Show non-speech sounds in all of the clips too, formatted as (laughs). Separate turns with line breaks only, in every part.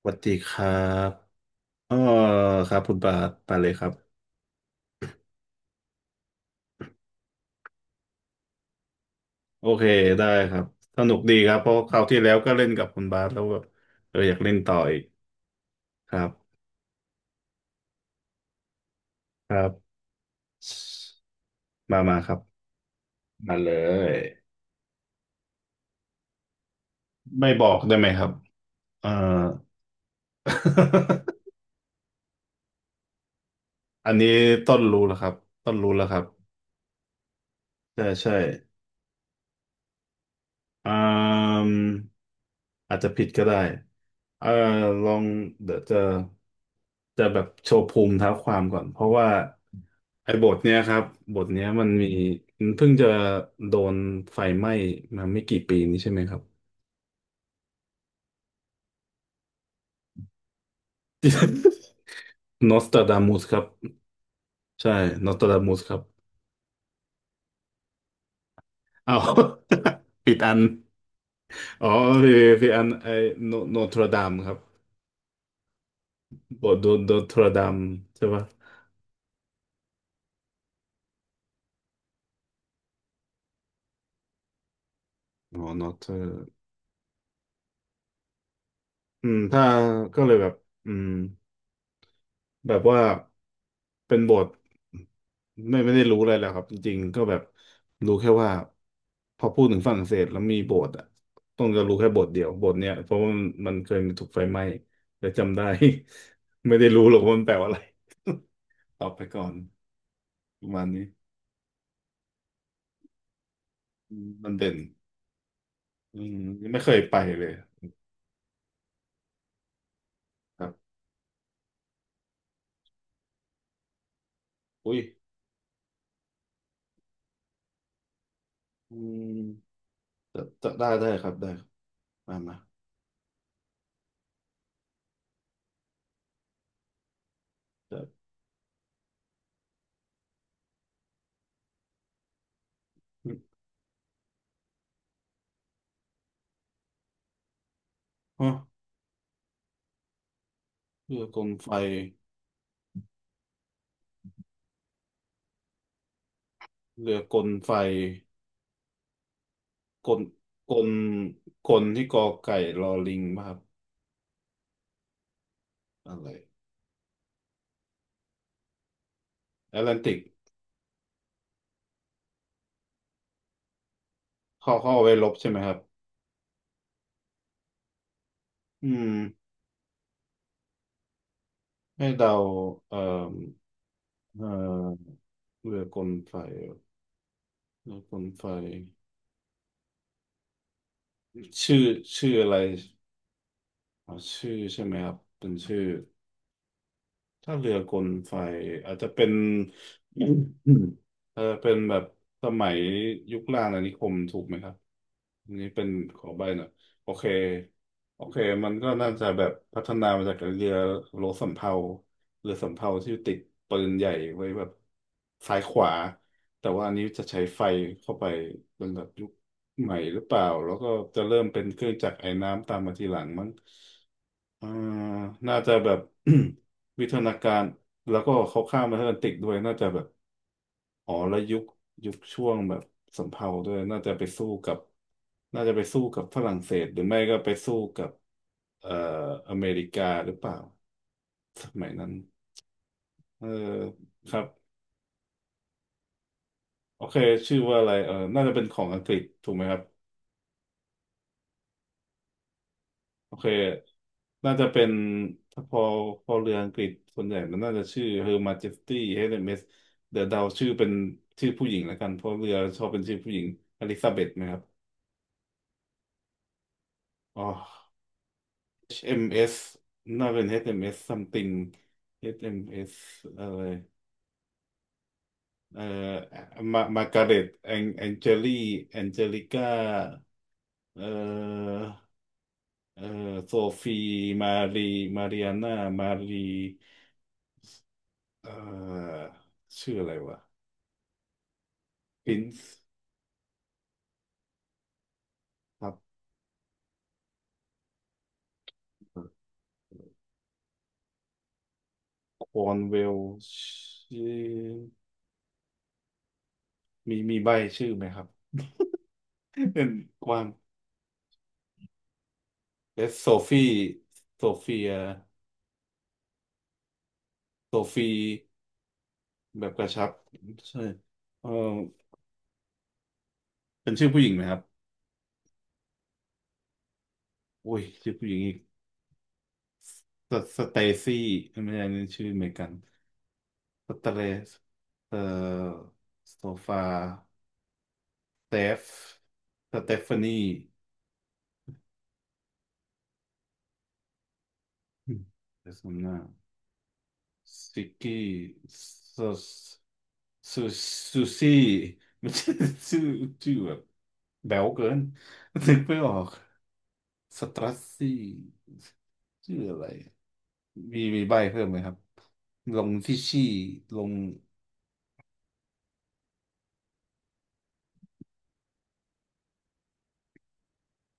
สวัสดีครับเออครับคุณบาสไปเลยครับโอเคได้ครับสนุกดีครับเพราะคราวที่แล้วก็เล่นกับคุณบาสแล้วแบบเอออยากเล่นต่ออีกครับ ครับ มาครับ มาเลยไม่บอกได้ไหมครับเออ (laughs) อันนี้ต้นรู้แล้วครับต้นรู้แล้วครับใช่ใช่ อ่ามอาจจะผิดก็ได้เอ่อลองเดี๋ยวจะจะแบบโชว์ภูมิเท้าความก่อน เพราะว่าไอ้บทเนี้ยครับ บทเนี้ยมันเพิ่งจะโดนไฟไหม้มาไม่กี่ปีนี้ใช่ไหมครับ (laughs) นอสตราดามุส (laughs) ครับใช่นอสตราดามุสครับอ้าว (laughs) ผิดอัน อ๋อผิดอันไอ้โนโนทรดามครับบทโดนทรดามใช่ปะอ๋อนอท อืมถ้าก็เลยแบบอืมแบบว่าเป็นบทไม่ได้รู้อะไรแล้วครับจริงๆก็แบบรู้แค่ว่าพอพูดถึงฝรั่งเศสแล้วมีโบสถ์อ่ะต้องจะรู้แค่โบสถ์เดียวโบสถ์เนี้ยเพราะว่ามันเคยมีถูกไฟไหม้แต่จำได้ (laughs) ไม่ได้รู้หรอกว่ามันแปลว่าอะไรตอบไปก่อนประมาณนี้อืมมันเด่นอืมไม่เคยไปเลยครับอุ้ยอืมจะได้ครับได้ครับมาจะอ๋อเรือกลไฟ เรือกลไฟกลกลกลที่กอไก่รอลิงป่ะครับอะไรแอตแลนติกข้อไว้ลบใช่ไหมครับอืมให้เดาเอ่อเอ่อเรือกลไฟเรือกลไฟชื่อชื่ออะไรอ๋อชื่อใช่ไหมครับเป็นชื่อ ถ้าเรือกลไฟอาจจะเป็นอืมอืมเออเป็นแบบสมัยยุคล่างอาณานิคมถูกไหมครับอันนี้เป็นขอใบหน่อยโอเคโอเคมันก็น่าจะแบบพัฒนามาจากเรือโลสำเภาเรือสำเภาที่ติดปืนใหญ่ไว้แบบซ้ายขวาแต่ว่าอันนี้จะใช้ไฟเข้าไปเป็นแบบยุคใหม่หรือเปล่าแล้วก็จะเริ่มเป็นเครื่องจักรไอ้น้ำตามมาทีหลังมั้ง อ่าน่าจะแบบ (clears throat) วิทยนาการแล้วก็เขาข้ามมาทางแอตแลนติกด้วยน่าจะแบบอ๋อแล้วยุคช่วงแบบสำเภาด้วยน่าจะไปสู้กับน่าจะไปสู้กับฝรั่งเศสหรือไม่ก็ไปสู้กับเอ่ออเมริกาหรือเปล่าสมัยนั้นเออครับโอเคชื่อว่าอะไรเออน่าจะเป็นของอังกฤษถูกไหมครับ โอเค น่าจะเป็นถ้าพอพอเรืออังกฤษส่วนใหญ่มันน่าจะชื่อ Her Majesty HMS เอ็มเอสเดี๋ยวเดาชื่อเป็นชื่อผู้หญิงแล้วกันเพราะเรือชอบเป็นชื่อผู้หญิงอลิซาเบธไหมครับอ๋อ HMS น่าเป็น HMS something HMS อชเอ็มเอสอะไรเอ่มาการ์เร็ตแองเจลี่แองเจลิก้าเอ่อเอ่อโซฟีมารีมาริอาน่ามารีเอ่อชื่ออะไรวะ p ินซ์ครับควอนเวลชื่อมีใบชื่อไหมครับ (laughs) เป็น (laughs) วามเอสโซฟีโซเฟียโซฟีแบบกระชับใช่เออเป็นชื่อผู้หญิงไหมครับอุ้ยชื่อผู้หญิงอีกเตซี่ไม่ใช่นี่ชื่ออเมริกันสเตเลสเอ่อโซฟาเตฟสเตฟานีอืมเดี๋ย่สมหน้าซิกกี้ส ซูซูซี่มันชื่อชื่อชื่อแบบแบ๊วเกิน (laughs) นึกไม่ออกสตรัสซี่ชื่ออะไรมีใบเพิ่มไหมครับลงที่ชี่ลง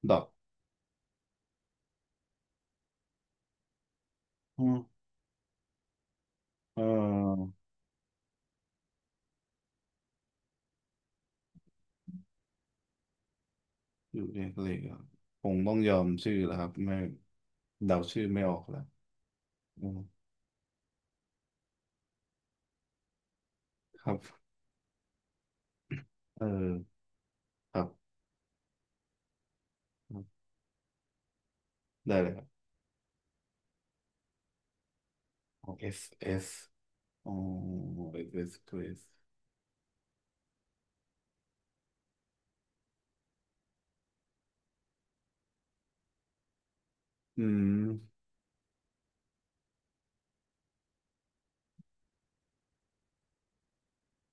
ดอกอมเอออยู่เรียกเลยก็คงต้องยอมชื่อแล้วครับไม่เดาชื่อไม่ออกแล้วอืมครับเออครับครับได้เลยครับอ๋อเอสเอสอ๋อเอสเอส Grace อืม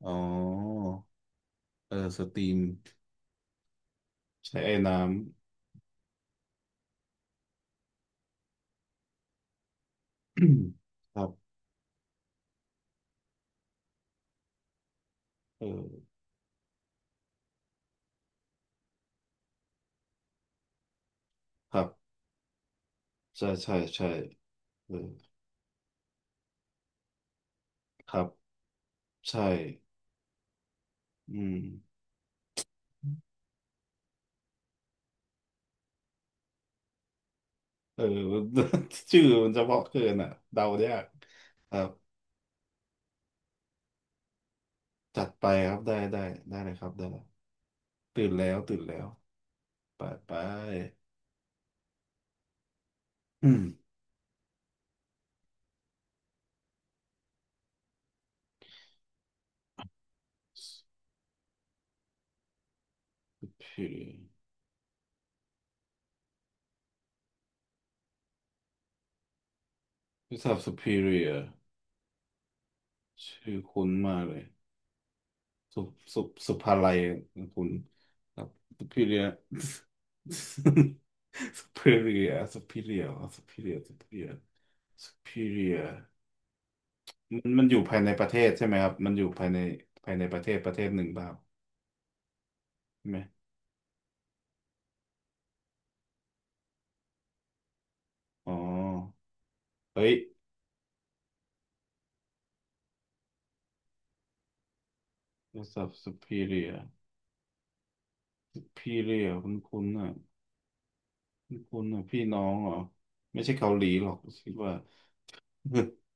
อ๋อเออสตรีม ใช้ไอ้ (coughs) น้ำ (coughs) ครับเออครับใช่เออครับใช่อืมเออ (laughs) ชื่อมันเฉพาะเกินอ่ะเดายากครับจัดไปครับได้เลยครับได้เลยตื่นแล้วตื่นแล้วไปอืม superior ที่สั superior ชื่อคุ้นมากเลย สุสุสุภาลัยคุณครับ superior (laughs) superior superior อ๋อ superior superior superior มันอยู่ภายในประเทศใช่ไหมครับมันอยู่ภายในประเทศหนึ่งเปล่าใช่ไหมอ๋อเฮ้ย what's up superior superior คุณคุณน่ะพี่น้องเหรอไม่ใช่เกาหลีหรอกคิดว่า (laughs)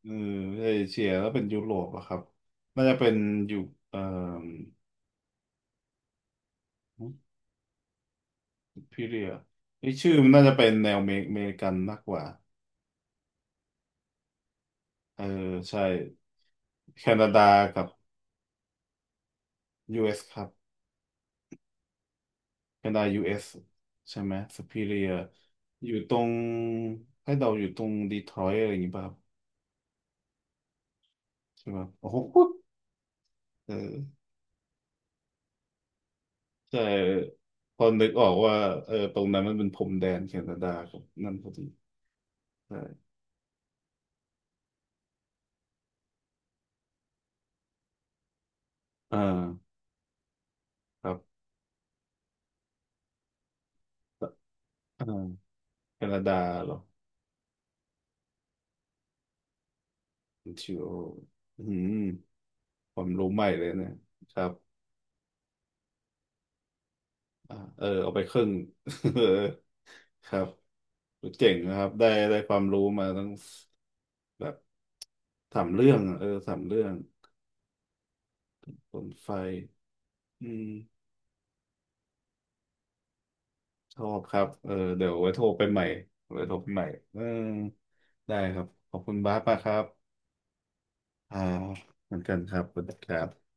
เออเอเชียแล้วเป็นยุโรปอะครับน่าจะเป็นอยู่เอ่อ พี่เรียนี่ชื่อมันน่าจะเป็นแนวเมริกันมากกว่า เออใช่แคนาดากับ US ครับแคนาดา US ใช่ไหมสปีเรียอยู่ตรงให้เดาอยู่ตรงดีทรอยต์อะไรอย่างงี้ป่ะครับใช่ป่ะ โอ้โหเออใช่พอนึกออกว่าเออตรงนั้นมันเป็นพรมแดนแคนาดากับนั่นพอดีใช่ อ่าครับอ่าแคนาดาเหรอ o n t อ r i อืมความรู้ใหม่เลยเนี่ย ครับ อ่าเออเอาไปครึ่ง (laughs) เออครับเจ๋งนะครับได้ได้ความรู้มาทั้งแบบสามเรื่องอะเออสามเรื่องสนไฟอืมชอบครับเออเดี๋ยวไว้โทรไปใหม่ไว้โทรไปใหม่เออได้ครับขอบคุณบาสมากครับอ่าเหมือนกันครับสวัสดีครับ